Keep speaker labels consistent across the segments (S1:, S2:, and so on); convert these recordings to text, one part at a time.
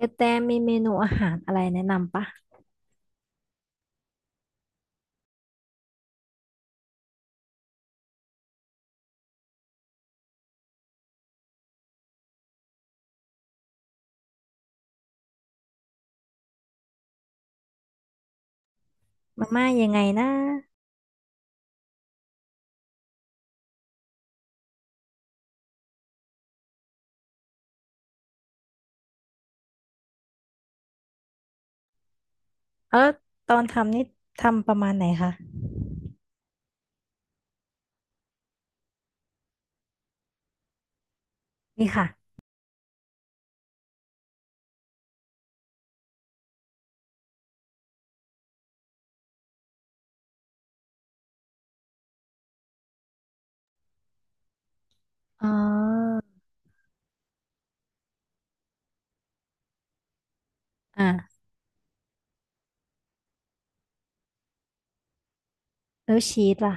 S1: กระแตมีเมนูอาหารอะไรแนะนำปะมาม่ายังไงนะเออตอนทำนี่ทำประมาณไหนคะนี่ค่ะอ๋ออ่ะแล้วชีสล่ะ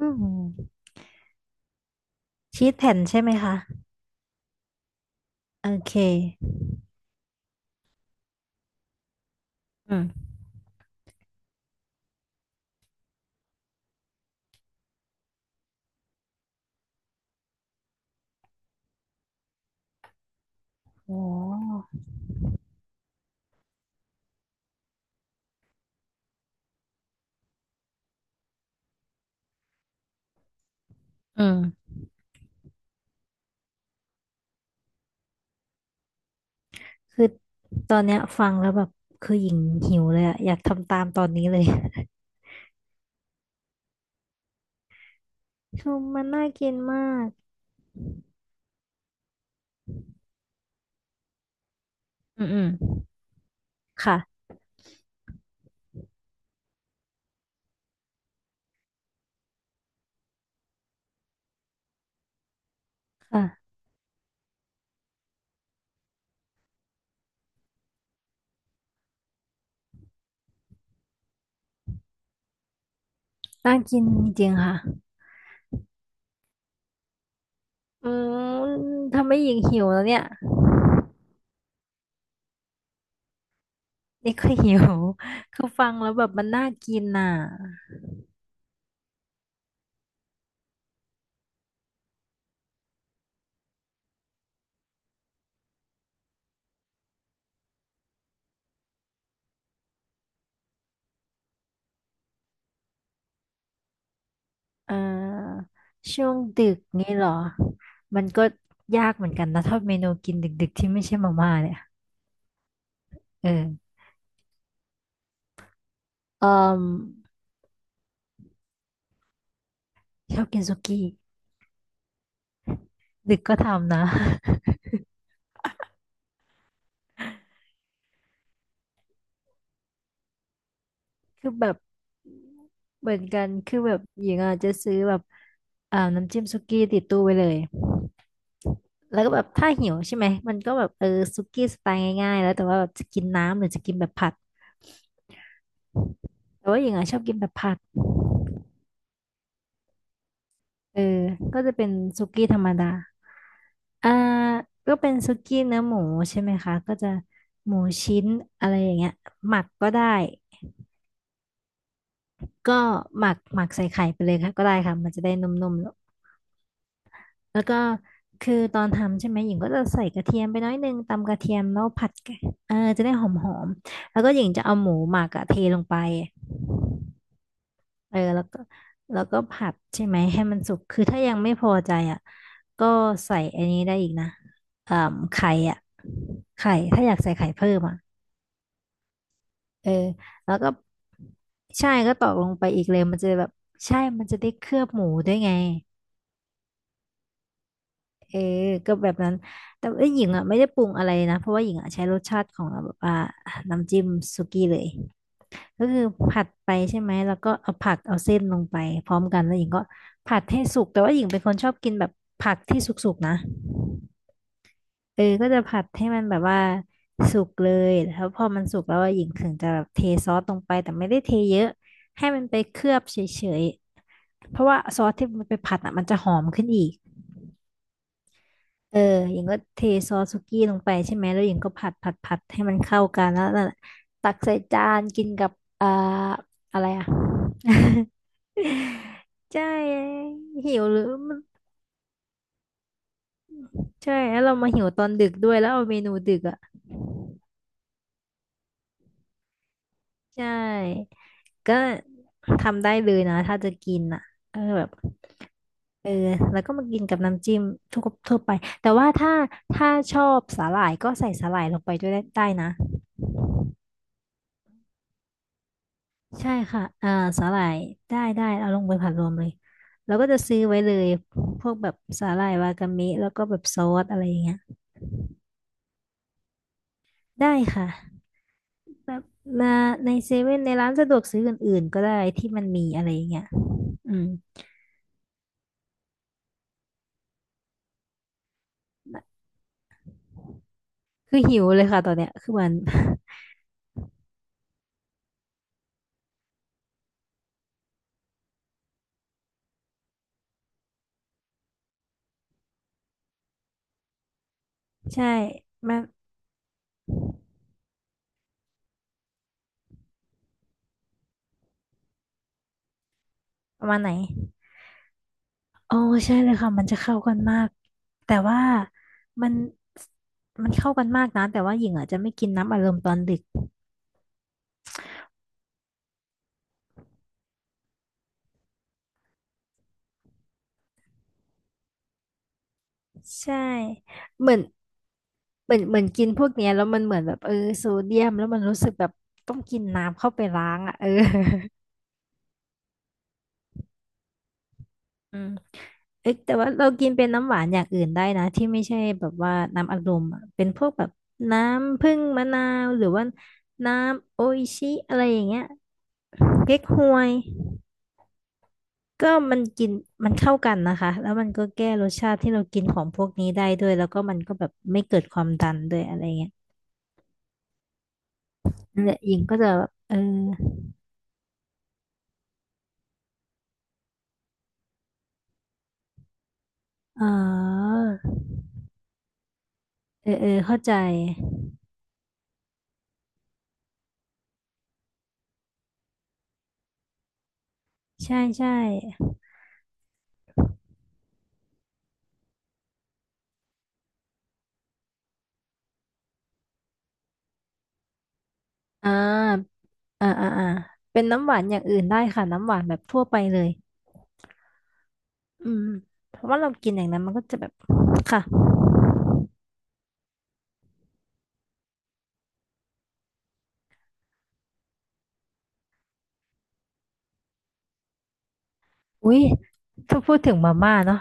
S1: อืมชีสแผ่นใช่ไหมคะโอเคอืมโอ้อืมคือตอนเนี้ยฟังแล้วแบบคือหญิงหิวเลยอะอยากทำตามตอนนี้เลย ชืมันน่ากินมากอืมอืมค่ะค่ะน่ากินจริงๆค่ะอืมทำให้หญิงหิวแล้วเนี่ย นี่ก็หิว คือฟังแล้วแบบมันน่ากินน่ะเออช่วงดึกงี้เหรอ มันก็ยากเหมือนกันนะถ้าเมนูกินดึกๆที่ไม่ใช่มาม่าเนี่ยเออเออชอบกินสุกี้ดึกก็ทำนะ คือแบบเหมือนกันคือแบบหญิงอาจจะซื้อแบบอ่าน้ำจิ้มสุกี้ติดตู้ไว้เลยแล้วก็แบบถ้าหิวใช่ไหมมันก็แบบเออสุกี้สไตล์ง่ายๆแล้วแต่ว่าแบบจะกินน้ำหรือจะกินแบบผัดแต่ว่าหญิงอ่ะชอบกินแบบผัด เออก็จะเป็นสุกี้ธรรมดาอ่าก็เป็นสุกี้เนื้อหมูใช่ไหมคะก็จะหมูชิ้นอะไรอย่างเงี้ยหมักก็ได้ก็หมักใส่ไข่ไปเลยค่ะก็ได้ค่ะมันจะได้นุ่มๆแล้วแล้วก็คือตอนทำใช่ไหมหญิงก็จะใส่กระเทียมไปน้อยนึงตำกระเทียมแล้วผัดไก่เออจะได้หอมๆแล้วก็หญิงจะเอาหมูหมักอะเทลงไป เออแล้วก็แล้วก็ผัดใช่ไหมให้มันสุกคือถ้ายังไม่พอใจอ่ะก็ใส่อันนี้ได้อีกนะอ่าไข่อ่ะไข่ถ้าอยากใส่ไข่เพิ่มอ่ะเออแล้วก็ใช่ก็ตอกลงไปอีกเลยมันจะแบบใช่มันจะได้เคลือบหมูด้วยไงเออก็แบบนั้นแต่ว่าหญิงอ่ะไม่ได้ปรุงอะไรนะเพราะว่าหญิงอ่ะใช้รสชาติของแบบว่าน้ำจิ้มสุกี้เลย ก็คือผัดไปใช่ไหมแล้วก็เอาผักเอาเส้นลงไปพร้อมกันแล้วหญิงก็ผัดให้สุกแต่ว่าหญิงเป็นคนชอบกินแบบผักที่สุกๆนะเออก็จะผัดให้มันแบบว่าสุกเลยแล้วพอมันสุกแล้วอะหญิงถึงจะแบบเทซอสลงไปแต่ไม่ได้เทเยอะให้มันไปเคลือบเฉยๆเพราะว่าซอสที่มันไปผัดอ่ะมันจะหอมขึ้นอีกเออหญิงก็เทซอสสุกี้ลงไปใช่ไหมแล้วหญิงก็ผัดให้มันเข้ากันแล้วนั่นแหละตักใส่จานกินกับอ่าอะไรอ่ะ ใช่หิวหรือมันใช่แล้วเรามาหิวตอนดึกด้วยแล้วเอาเมนูดึกอ่ะใช่ก็ทำได้เลยนะถ้าจะกินอ่ะก็แบบเออแล้วก็มากินกับน้ำจิ้มทั่วทั่วไปแต่ว่าถ้าชอบสาหร่ายก็ใส่สาหร่ายลงไปด้วยได้ได้นะใช่ค่ะอ่าสาหร่ายได้ได้เอาลงไปผัดรวมเลยแล้วก็จะซื้อไว้เลยพวกแบบสาหร่ายวากามิแล้วก็แบบซอสอะไรอย่างเงี้ยได้ค่ะ แบบมาในเซเว่นในร้านสะดวกซื้ออื่นๆก็ได้ที่มันมีอะไรอย่างเงี้ยอืมคือหิวเลยค่ะตอนเนี้ยคือมัน ใช่มันประมาณไหนโอ้ใช่เลยค่ะมันจะเข้ากันมากแต่ว่ามันมันเข้ากันมากนะแต่ว่าหญิงอาจจะไม่กินน้ำอารมณ์ตอนดึกใช่เหมือนเหมือนกินพวกเนี้ยแล้วมันเหมือนแบบเออโซเดียมแล้วมันรู้สึกแบบต้องกินน้ำเข้าไปล้างอ่ะเอออืม เอ๊ะแต่ว่าเรากินเป็นน้ำหวานอย่างอื่นได้นะที่ไม่ใช่แบบว่าน้ำอัดลมอะเป็นพวกแบบน้ำผึ้งมะนาวหรือว่าน้ำโออิชิอะไรอย่างเงี้ยเก๊กฮวยก็มันกินมันเข้ากันนะคะแล้วมันก็แก้รสชาติที่เรากินของพวกนี้ได้ด้วยแล้วก็มันก็แบบไม่เกิดความดันด้วยอะไรเงี้ยนั่นแหละหญิงก็จะแบบเอออ๋อเออเออเข้าใจใช่ใช่อ่าอ่าเป็นน้ำหวานอย่างอื่นได้ค่ะน้ำหวานแบบทั่วไปเลย อืมเพราะว่าเรากินอย่างนั้นมันก็จะแบบค่ะอุ้ยถ้าพูดถึงมาม่าเนาะ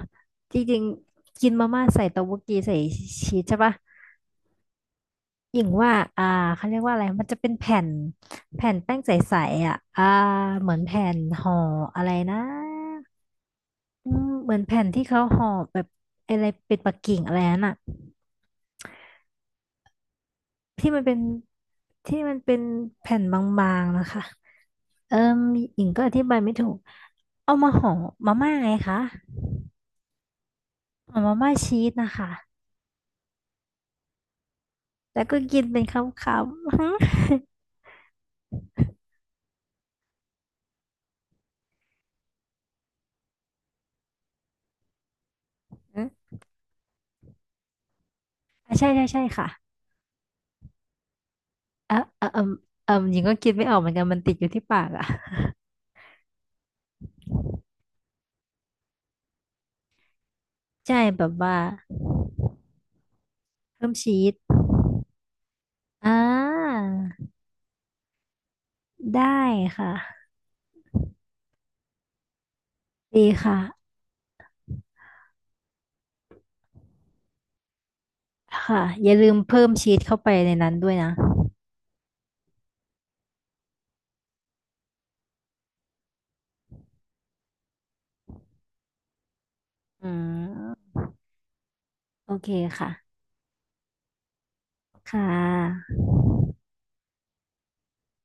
S1: จริงๆกินมาม่าใส่เต้าหู้กีใส่ชีสใช่ปะหญิงว่าอ่าเขาเรียกว่าอะไร มันจะเป็นแผ่นแผ่นแป้งใสๆอ่ะอ่า เหมือนแผ่นห่ออะไรนะอืมเหมือนแผ่นที่เขาห่อแบบอะไรเป็ดปักกิ่งอะไรนั่นอ่ะที่มันเป็นที่มันเป็นแผ่นบางๆนะคะเอิ่มหญิงก็อธิบายไม่ถูกเอามาห่อมาม่าไงคะ อ๋อมาม่าชีสนะคะ แล้วก็กินเป็นคำๆ อืมอ่ะใช่ค่ะเออเออเอมเอมหญิงก็กินไม่ออกเหมือนกันมันติดอยู่ที่ปากอ่ะ ใช่แบบว่าเพิ่มชีสอ่าได้ค่ะดีค่ะค่ะอย่าลืมเพิ่มชีสเข้าไปในนั้นด้วยนะอืมโอเคค่ะค่ะ